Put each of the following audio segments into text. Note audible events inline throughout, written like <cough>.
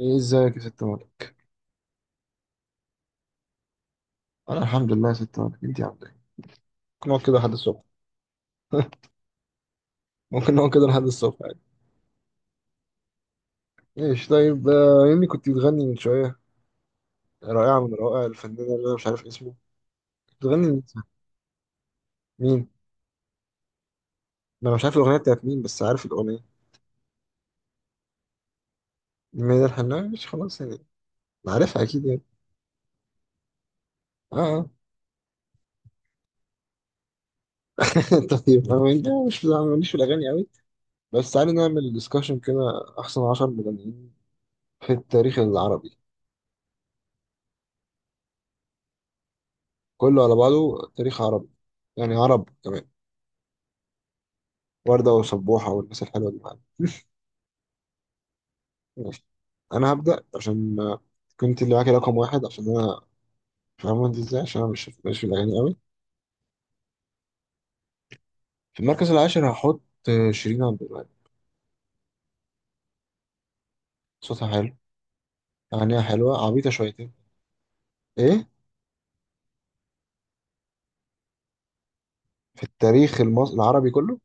ايه ازيك يا ست مالك. انا الحمد لله يا ست مالك، انت عامله ايه؟ ممكن نقعد كده لحد الصبح. <laughs> ممكن نقعد كده لحد الصبح عادي. ماشي طيب آه، يمي كنت بتغني من شويه، رائعه من روائع الفنانه اللي انا مش عارف اسمه. بتغني مين؟ مين؟ ما انا مش عارف الاغنيه بتاعت مين، بس عارف الاغنيه. مين الحناوي؟ مش خلاص يعني عارفها اكيد يعني. اه. آه. <laughs> طيب، مش أنا ماليش في الاغاني قوي، بس تعالي نعمل ديسكشن كده. احسن 10 مغنيين في التاريخ العربي، كله على بعضه، تاريخ عربي يعني، عرب كمان. وردة وسبوحة والناس الحلوة دي معانا. ماشي. هبدأ عشان كنت اللي معاكي رقم واحد، عشان أنا فاهمة أنت إزاي، عشان أنا مش في الأغاني أوي. في المركز العاشر هحط شيرين عبد الوهاب. صوتها حلو، أغانيها حلوة عبيطة شويتين. إيه؟ في التاريخ المصري العربي كله.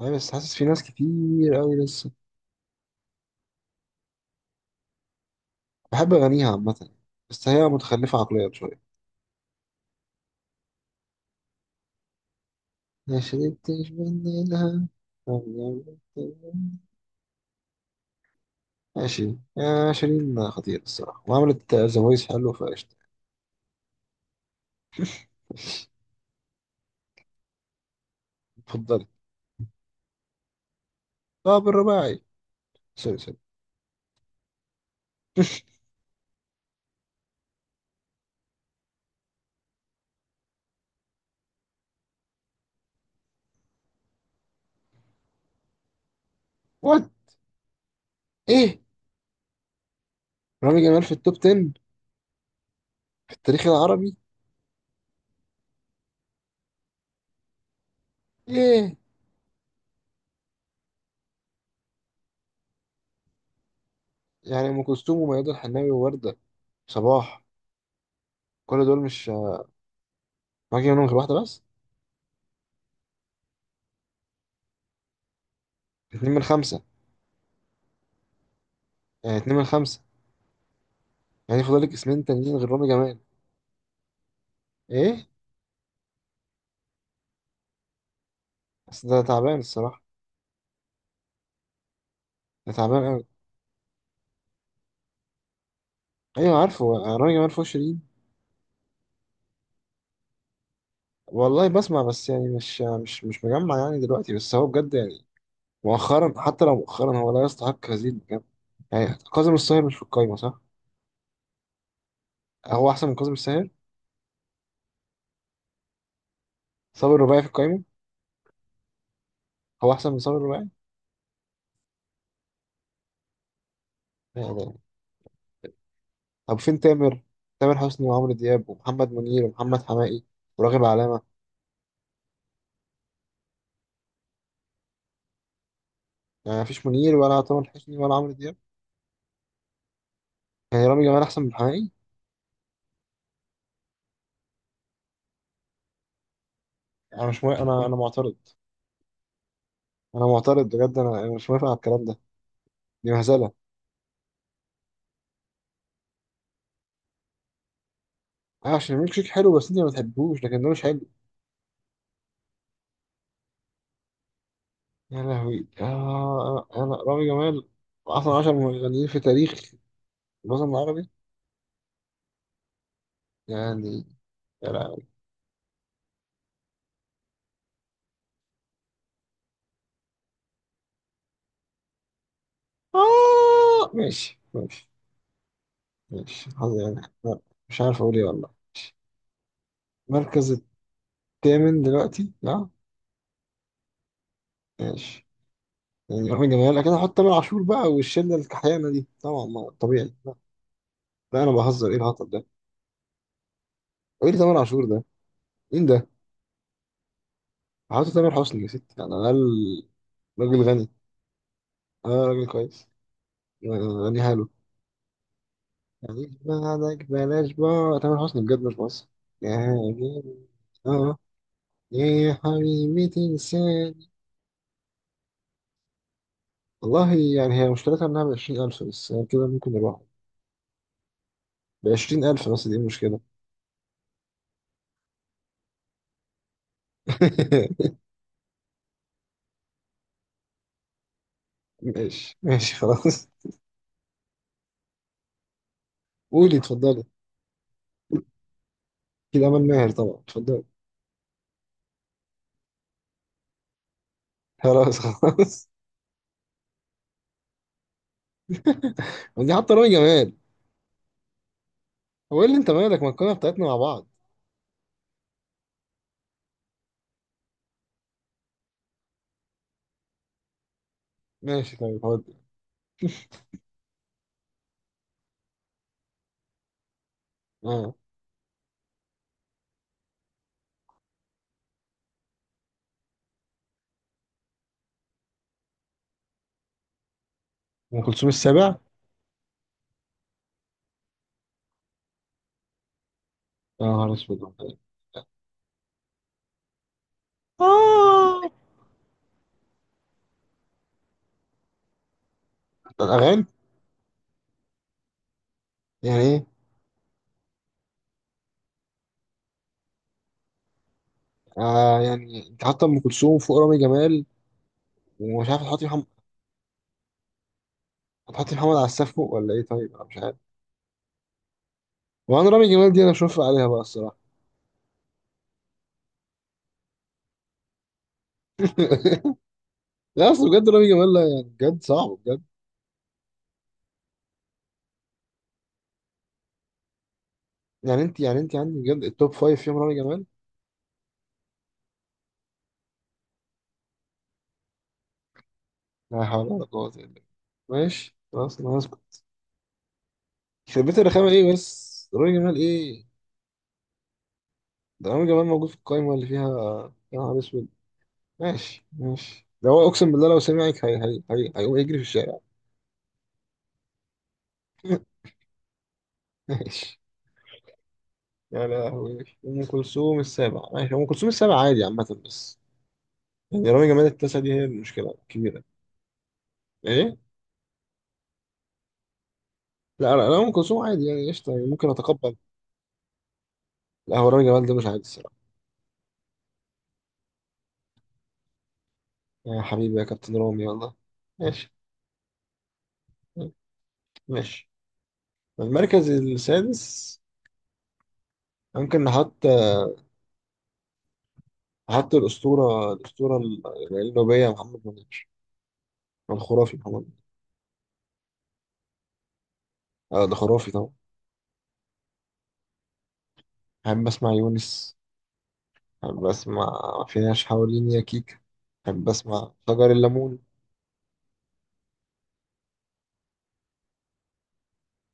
أنا بس حاسس في ناس كتير أوي لسه. بحب أغانيها عامة، بس هي متخلفة عقليا شوية، ما شربتش منها. ماشي يا شيرين، خطير الصراحة، وعملت زوايز حلو فقشطة. اتفضل. لاعب الرباعي، سوري سوري، شوش. وات؟ ايه؟ رامي جمال في التوب 10؟ في التاريخ العربي؟ ايه يعني؟ ام كلثوم وميادة الحناوي ووردة، صباح، كل دول مش باقي منهم غير واحدة بس؟ اتنين من خمسة؟ يعني اتنين من خمسة؟ يعني فاضل لك اسمين تانيين غير رامي جمال؟ ايه؟ بس ده تعبان الصراحة، ده تعبان قوي. ايوه عارفه، رامي جمال فوق شيرين؟ والله بسمع، بس يعني مش مجمع يعني دلوقتي، بس هو بجد يعني مؤخرا، حتى لو مؤخرا هو لا يستحق هذه المكانة. يعني كاظم الساهر مش في القايمة صح؟ هو أحسن من كاظم الساهر؟ صابر الرباعي في القايمة؟ هو أحسن من صابر الرباعي؟ يعني. طب فين تامر؟ تامر حسني وعمرو دياب ومحمد منير ومحمد حماقي وراغب علامة. يعني مفيش منير ولا تامر حسني ولا عمرو دياب؟ يعني رامي جمال أحسن من حماقي؟ أنا مش موافق، أنا معترض. أنا معترض بجد، أنا مش موافق على الكلام ده. دي مهزلة. أه، عشان ميلك شيك حلو بس أنت ما بتحبوش، لكن ده مش حلو. يا لهوي آه، أنا رامي جمال أحسن 10 مغنيين في تاريخ الوطن العربي؟ يعني. يا لهوي. آه ماشي ماشي. ماشي حظي يعني. لا، مش عارف اقول ايه والله. المركز الثامن دلوقتي؟ لا ماشي. يعني احنا جماهير، لكن احط تامر عاشور بقى والشله الكحيانه دي طبعا، ما طبيعي، لا. لا انا بهزر، ايه الهطل ده؟ ايه اللي تامر عاشور ده؟ مين ده؟ هحط تامر حسني يا ستي، راجل غني، انا راجل كويس، يعني غني حلو. يعني بعدك بلاش بقى تامر حسني بجد، مش مصر يعني. اه. يا حبيبي تنساني. والله يعني هي مشكلتها انها ب 20,000 بس، يعني كده ممكن نروح. بعشرين ألف، بس دي مشكلة. <laughs> ماشي ماشي خلاص. قولي اتفضلي. أكيد أمل ماهر طبعا، اتفضلي. خلاص. <laughs> خلاص. دي حتى رامي جمال. هو إيه اللي أنت مالك؟ ما القناة بتاعتنا مع بعض. ماشي طيب هودي. آه. أم كلثوم السابع؟ يا نهار أسود. آه. الأغاني. يعني إيه؟ آه يعني أنت حاطة أم كلثوم فوق رامي جمال، ومش عارف تحطي محمد؟ هتحطي محمد على السقف فوق ولا إيه؟ طيب أنا مش عارف. وأنا رامي جمال دي أنا أشوف عليها بقى الصراحة. <laughs> لا اصل بجد رامي جمال لا، يعني بجد صعب بجد. يعني انت، يعني انت عندك بجد التوب فايف فيهم رامي جمال؟ لا حول ولا قوة الا بالله. ماشي خلاص، انا هسكت. يخرب بيت الرخامة، ايه بس رامي جمال ايه؟ ده رامي جمال موجود في القايمة اللي فيها. يا نهار اسود. ماشي ماشي، ده هو اقسم بالله لو سمعك هي هيقوم يجري في الشارع. <laughs> ماشي. يا لهوي، ام كلثوم السابع، ماشي، ام كلثوم السابع عادي عامة، بس يعني رامي جمال التاسع دي هي المشكلة الكبيرة. ايه؟ لا لا لا، ام كلثوم عادي يعني، قشطة يعني، ممكن اتقبل. لا هو رامي جمال ده مش عادي الصراحة. يا حبيبي يا كابتن رامي، والله. ماشي ماشي. المركز السادس ممكن نحط، نحط الأسطورة، الأسطورة النوبية محمد منير، الخرافي محمد منير. آه ده خرافي طبعا. أحب أسمع يونس، أحب أسمع فيناش حواليني يا كيكة، أحب أسمع شجر الليمون.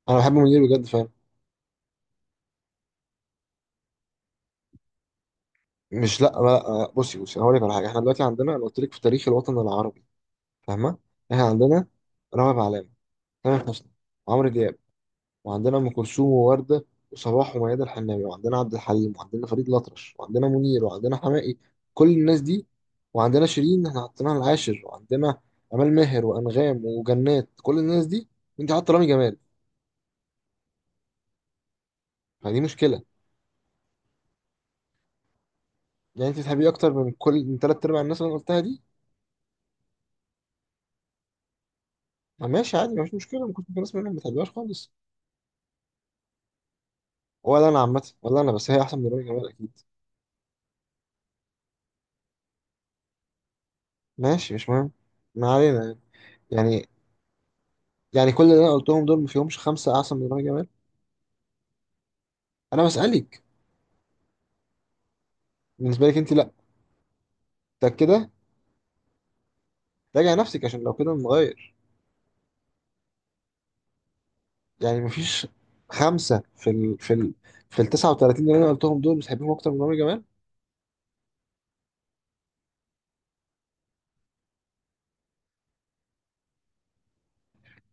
أنا بحب منير بجد فعلا. مش، لا لا. آه، بصي بصي، أنا هقول لك على حاجة. إحنا دلوقتي عندنا، أنا قلت لك في تاريخ الوطن العربي، فاهمة؟ إحنا عندنا رامي معلول، تامر حسني، عمرو دياب، وعندنا ام كلثوم وورده وصباح وميادة الحناوي، وعندنا عبد الحليم، وعندنا فريد الأطرش، وعندنا منير، وعندنا حماقي، كل الناس دي، وعندنا شيرين احنا حطيناها العاشر، وعندنا امال ماهر وانغام وجنات، كل الناس دي، انت حاطه رامي جمال؟ فدي مشكله. يعني انت تحبيه اكتر من كل، من ثلاث ارباع الناس اللي انا قلتها دي؟ ما ماشي عادي، مفيش مشكله، ممكن تكون ناس منهم ما بتحبهاش خالص. ولا انا عامه، ولا انا، بس هي احسن من رامي جمال اكيد. ماشي مش مهم، ما علينا. يعني، يعني كل اللي انا قلتهم دول ما فيهمش خمسه احسن من رامي جمال؟ انا بسالك. بالنسبه لك انت لا؟ انت كده، راجع نفسك، عشان لو كده نغير. يعني مفيش خمسه في ال، في ال 39 اللي انا قلتهم دول بتحبهم اكتر من عمرو جمال؟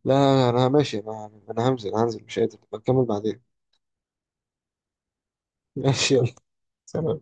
لا انا ماشي، انا همزل هنزل، مش قادر بكمل بعدين. <laughs> ماشي يلا سلام.